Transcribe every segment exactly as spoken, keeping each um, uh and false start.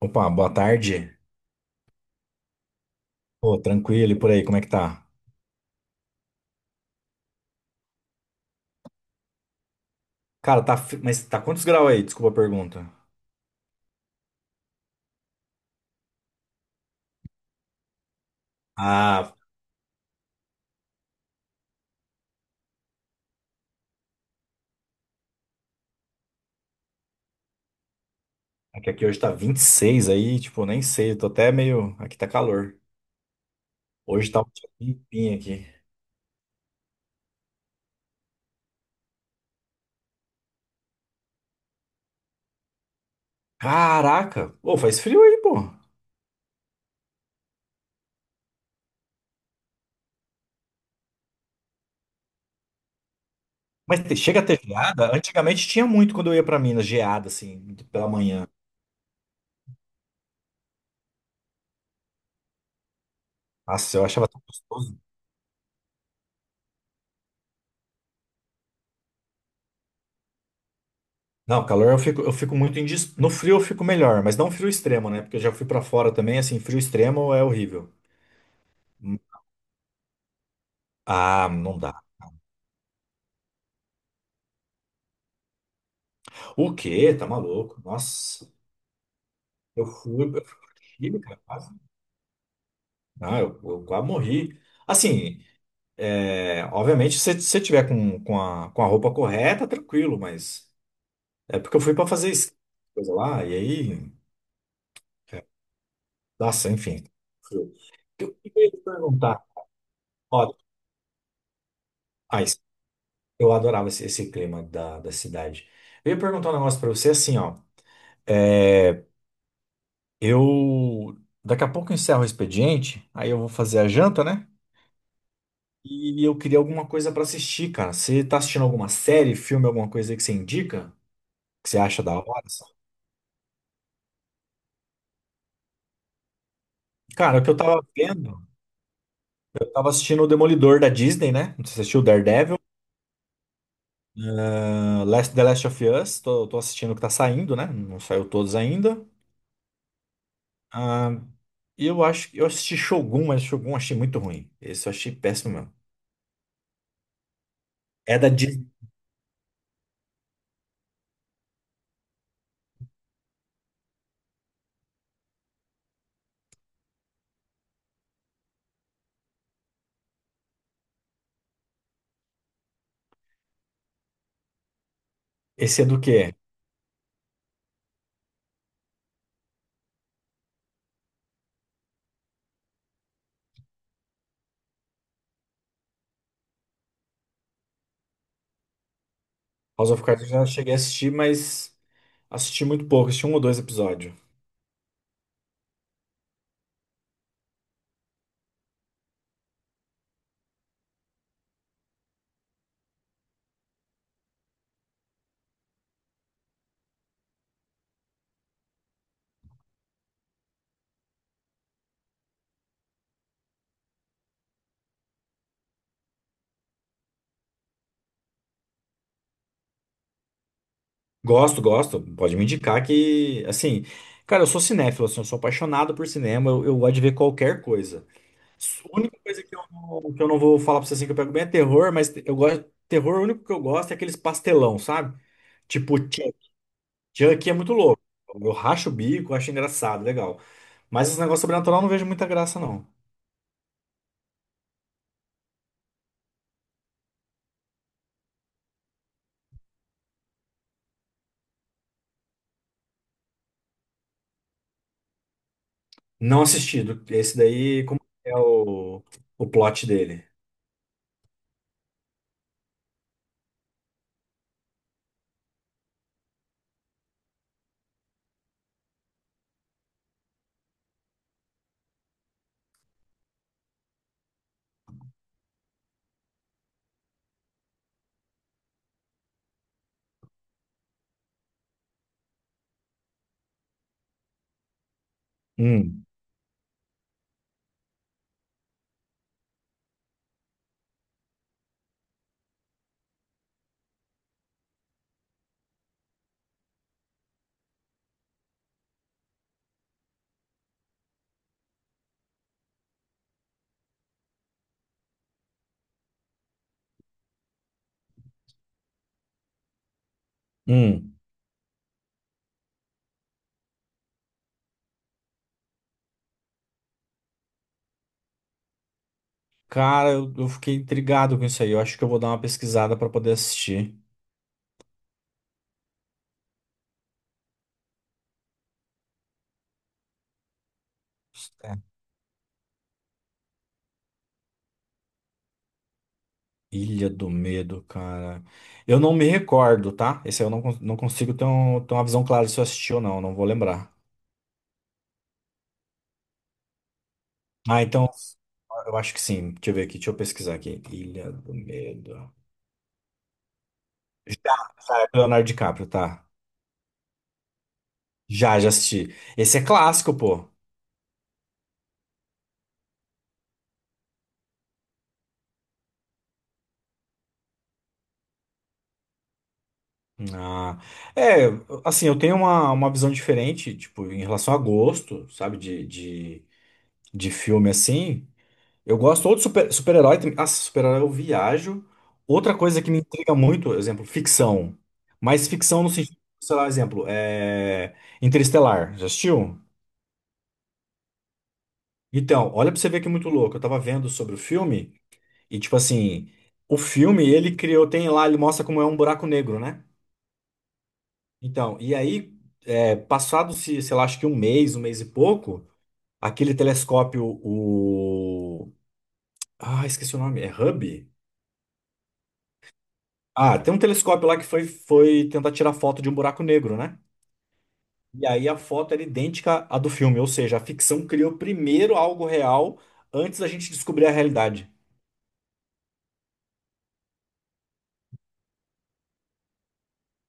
Opa, boa tarde. Pô, tranquilo e por aí, como é que tá? Cara, tá. fi- Mas tá quantos graus aí? Desculpa a pergunta. Ah, é que aqui hoje tá vinte e seis aí, tipo, nem sei, eu tô até meio. Aqui tá calor. Hoje tá um dia limpinho aqui. Caraca! Pô, faz frio aí, pô. Mas te- chega a ter geada? Antigamente tinha muito quando eu ia pra Minas, geada, assim, pela manhã. Nossa, eu achava tão gostoso. Não, calor eu fico, eu fico muito indis... No frio eu fico melhor, mas não frio extremo, né? Porque eu já fui pra fora também, assim, frio extremo é horrível. Hum. Ah, não dá. O quê? Tá maluco? Nossa, eu fui, eu fui pra Chile, cara, quase. Não, eu, eu quase morri. Assim, é, obviamente, se você tiver com, com a, com a roupa correta, tranquilo, mas é porque eu fui pra fazer esqui, coisa lá, e aí, é, nossa, enfim. Frio. Eu eu ia te perguntar, ó, ah, isso- eu adorava esse, esse clima da, da cidade. Eu ia perguntar um negócio pra você, assim, ó, é, eu, daqui a pouco eu encerro o expediente, aí eu vou fazer a janta, né? E eu queria alguma coisa pra assistir, cara. Você tá assistindo alguma série, filme, alguma coisa aí que você indica? Que você acha da hora? Sabe? Cara, o que eu tava vendo, eu tava assistindo o Demolidor da Disney, né? Não sei se você assistiu Daredevil? Ah, Last, The Last of Us, tô, tô assistindo o que tá saindo, né? Não saiu todos ainda. Ah, eu acho que eu assisti Shogun, mas Shogun eu achei muito ruim. Esse eu achei péssimo mesmo. É da Disney. Esse é do quê? House of Cards eu já cheguei a assistir, mas assisti muito pouco, assisti um ou dois episódios. Gosto, gosto. Pode me indicar que, assim, cara, eu sou cinéfilo, assim, eu sou apaixonado por cinema, eu, eu gosto de ver qualquer coisa. A única coisa que eu, não- que eu não vou falar pra você assim que eu pego bem é terror, mas eu gosto. Terror, o único que eu gosto é aqueles pastelão, sabe? Tipo, Chuck Chuck é muito louco. Eu racho o bico, acho engraçado, legal. Mas os negócios sobrenatural eu não vejo muita graça, não. Não assistido. Esse daí, como é o, o plot dele? Hum, hum. Cara, eu, eu fiquei intrigado com isso aí. Eu acho que eu vou dar uma pesquisada pra poder assistir. É. Ilha do Medo, cara. Eu não me recordo, tá? Esse aí eu não, cons- não consigo ter, um- ter uma visão clara se eu assisti ou não, não vou lembrar. Ah, então, eu acho que sim. Deixa eu ver aqui, deixa eu pesquisar aqui. Ilha do Medo. Já é do Leonardo DiCaprio, tá? Já, já assisti. Esse é clássico, pô. Ah, é, assim, eu tenho uma, uma visão diferente, tipo, em relação a gosto, sabe, de, de, de filme assim. Eu gosto ou de super- super-herói também. Ah, super-herói eu viajo. Outra coisa que me intriga muito, exemplo, ficção. Mas ficção no sentido, sei lá, exemplo, é... Interestelar. Já assistiu? Então, olha pra você ver que é muito louco. Eu tava vendo sobre o filme e, tipo assim, o filme ele criou, tem lá, ele mostra como é um buraco negro, né? Então, e aí, é, passado, se, sei lá, acho que um mês, um mês e pouco, aquele telescópio, o. Ah, esqueci o nome, é Hubble? Ah, tem um telescópio lá que foi, foi tentar tirar foto de um buraco negro, né? E aí a foto era idêntica à do filme, ou seja, a ficção criou primeiro algo real antes da gente descobrir a realidade.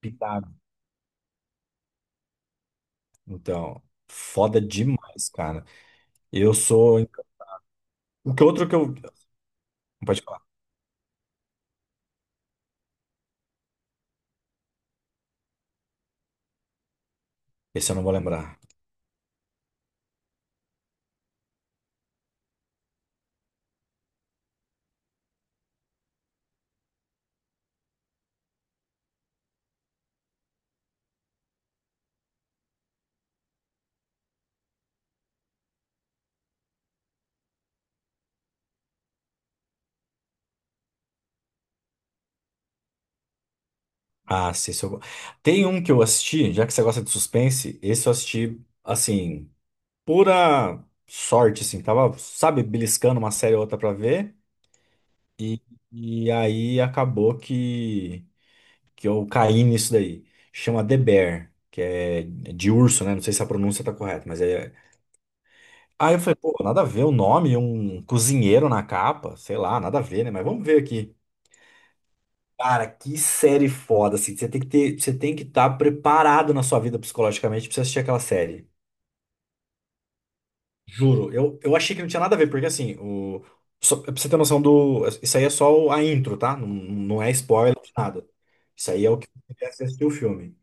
Bizarro. Então, foda demais, cara. Eu sou. O que outro que eu. Pode falar. Esse eu não vou lembrar. Ah, sim, esse eu... Tem um que eu assisti, já que você gosta de suspense, esse eu assisti, assim, pura sorte, assim. Tava, sabe, beliscando uma série ou outra pra ver. E, e aí acabou que, que eu caí nisso daí. Chama The Bear, que é de urso, né? Não sei se a pronúncia tá correta, mas é. Aí eu falei, pô, nada a ver o nome, um cozinheiro na capa, sei lá, nada a ver, né? Mas vamos ver aqui. Cara, que série foda, assim. Você tem que ter, você tem que estar preparado na sua vida psicologicamente pra você assistir aquela série. Juro, eu, eu achei que não tinha nada a ver, porque assim, o, só, pra você ter noção do. Isso aí é só o- a intro, tá? Não, não é spoiler de nada. Isso aí é o que você assistir o filme.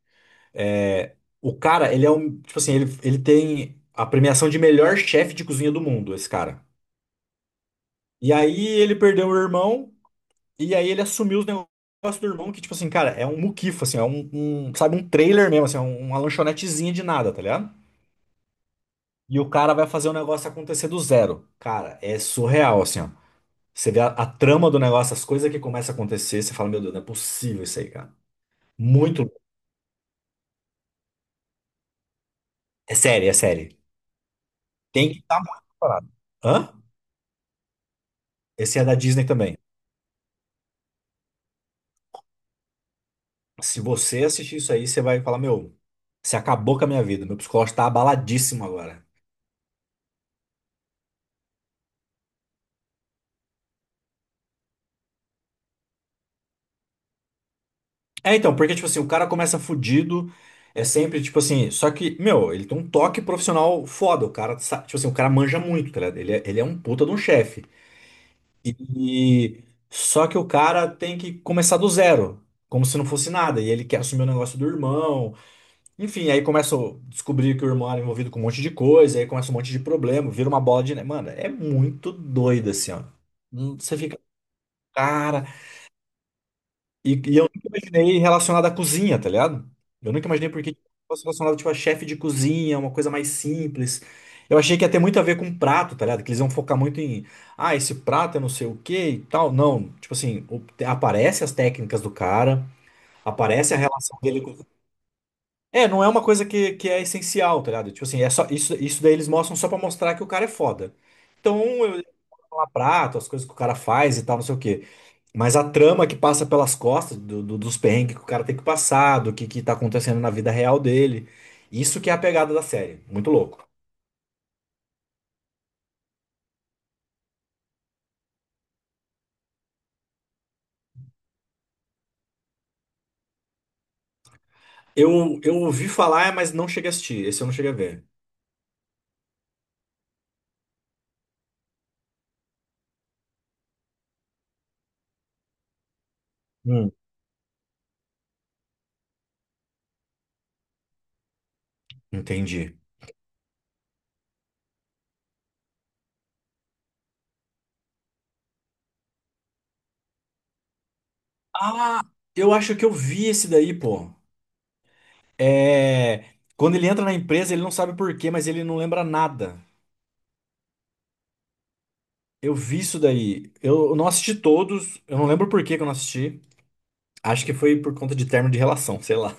É. O cara, ele é um. Tipo assim, ele, ele tem a premiação de melhor chefe de cozinha do mundo, esse cara. E aí ele perdeu o irmão, e aí ele assumiu os negócios do irmão, que, tipo assim, cara, é um muquifo, assim, é um, um, sabe, um trailer mesmo, assim, é um- uma lanchonetezinha de nada, tá ligado? E o cara vai fazer o negócio acontecer do zero. Cara, é surreal, assim, ó. Você vê a, a trama do negócio, as coisas que começam a acontecer, você fala, meu Deus, não é possível isso aí, cara. Muito. É série, é série. Tem que estar muito preparado. Hã? Esse é da Disney também. Se você assistir isso aí, você vai falar, meu, você acabou com a minha vida. Meu psicológico tá abaladíssimo agora. É, então, porque, tipo assim, o cara começa fudido, é sempre, tipo assim, só que, meu, ele tem um toque profissional foda. O cara, sa- tipo assim, o cara manja muito, tá ligado? Ele é, ele é um puta de um chefe. E só que o cara tem que começar do zero, como se não fosse nada. E ele quer assumir o negócio do irmão. Enfim, aí começa a descobrir que o irmão era envolvido com um monte de coisa, aí começa um monte de problema, vira uma bola de neve. Mano, é muito doido assim, ó. Hum. Você fica, cara. E, e eu nunca imaginei relacionado à cozinha, tá ligado? Eu nunca imaginei porque fosse relacionado, tipo, a chefe de cozinha, uma coisa mais simples. Eu achei que ia ter muito a ver com prato, tá ligado? Que eles iam focar muito em, ah, esse prato é não sei o quê e tal. Não, tipo assim, o- te- aparece as técnicas do cara, aparece a relação dele com... É, não é uma coisa que, que é essencial, tá ligado? Tipo assim, é só, isso, isso daí eles mostram só pra mostrar que o cara é foda. Então, eu ia falar prato, as coisas que o cara faz e tal, não sei o quê. Mas a trama que passa pelas costas do- do- dos perrengues que o cara tem que passar, do que, que tá acontecendo na vida real dele. Isso que é a pegada da série. Muito louco. Eu, eu ouvi falar, mas não cheguei a assistir. Esse eu não cheguei a ver. Hum. Entendi. Ah, eu acho que eu vi esse daí, pô. É. Quando ele entra na empresa, ele não sabe por quê, mas ele não lembra nada. Eu vi isso daí. Eu não assisti todos. Eu não lembro por que que eu não assisti. Acho que foi por conta de término de relação, sei lá.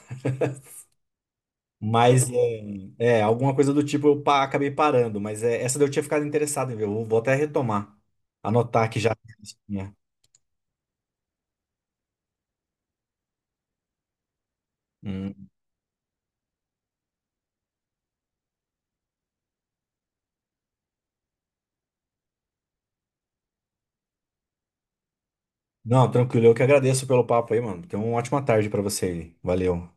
Mas é, é, alguma coisa do tipo eu pa- acabei parando, mas é, essa daí eu tinha ficado interessado em ver. Eu vou vou até retomar, anotar aqui já. É. Hum. Não, tranquilo, eu que agradeço pelo papo aí, mano. Tenha uma ótima tarde pra você aí. Valeu.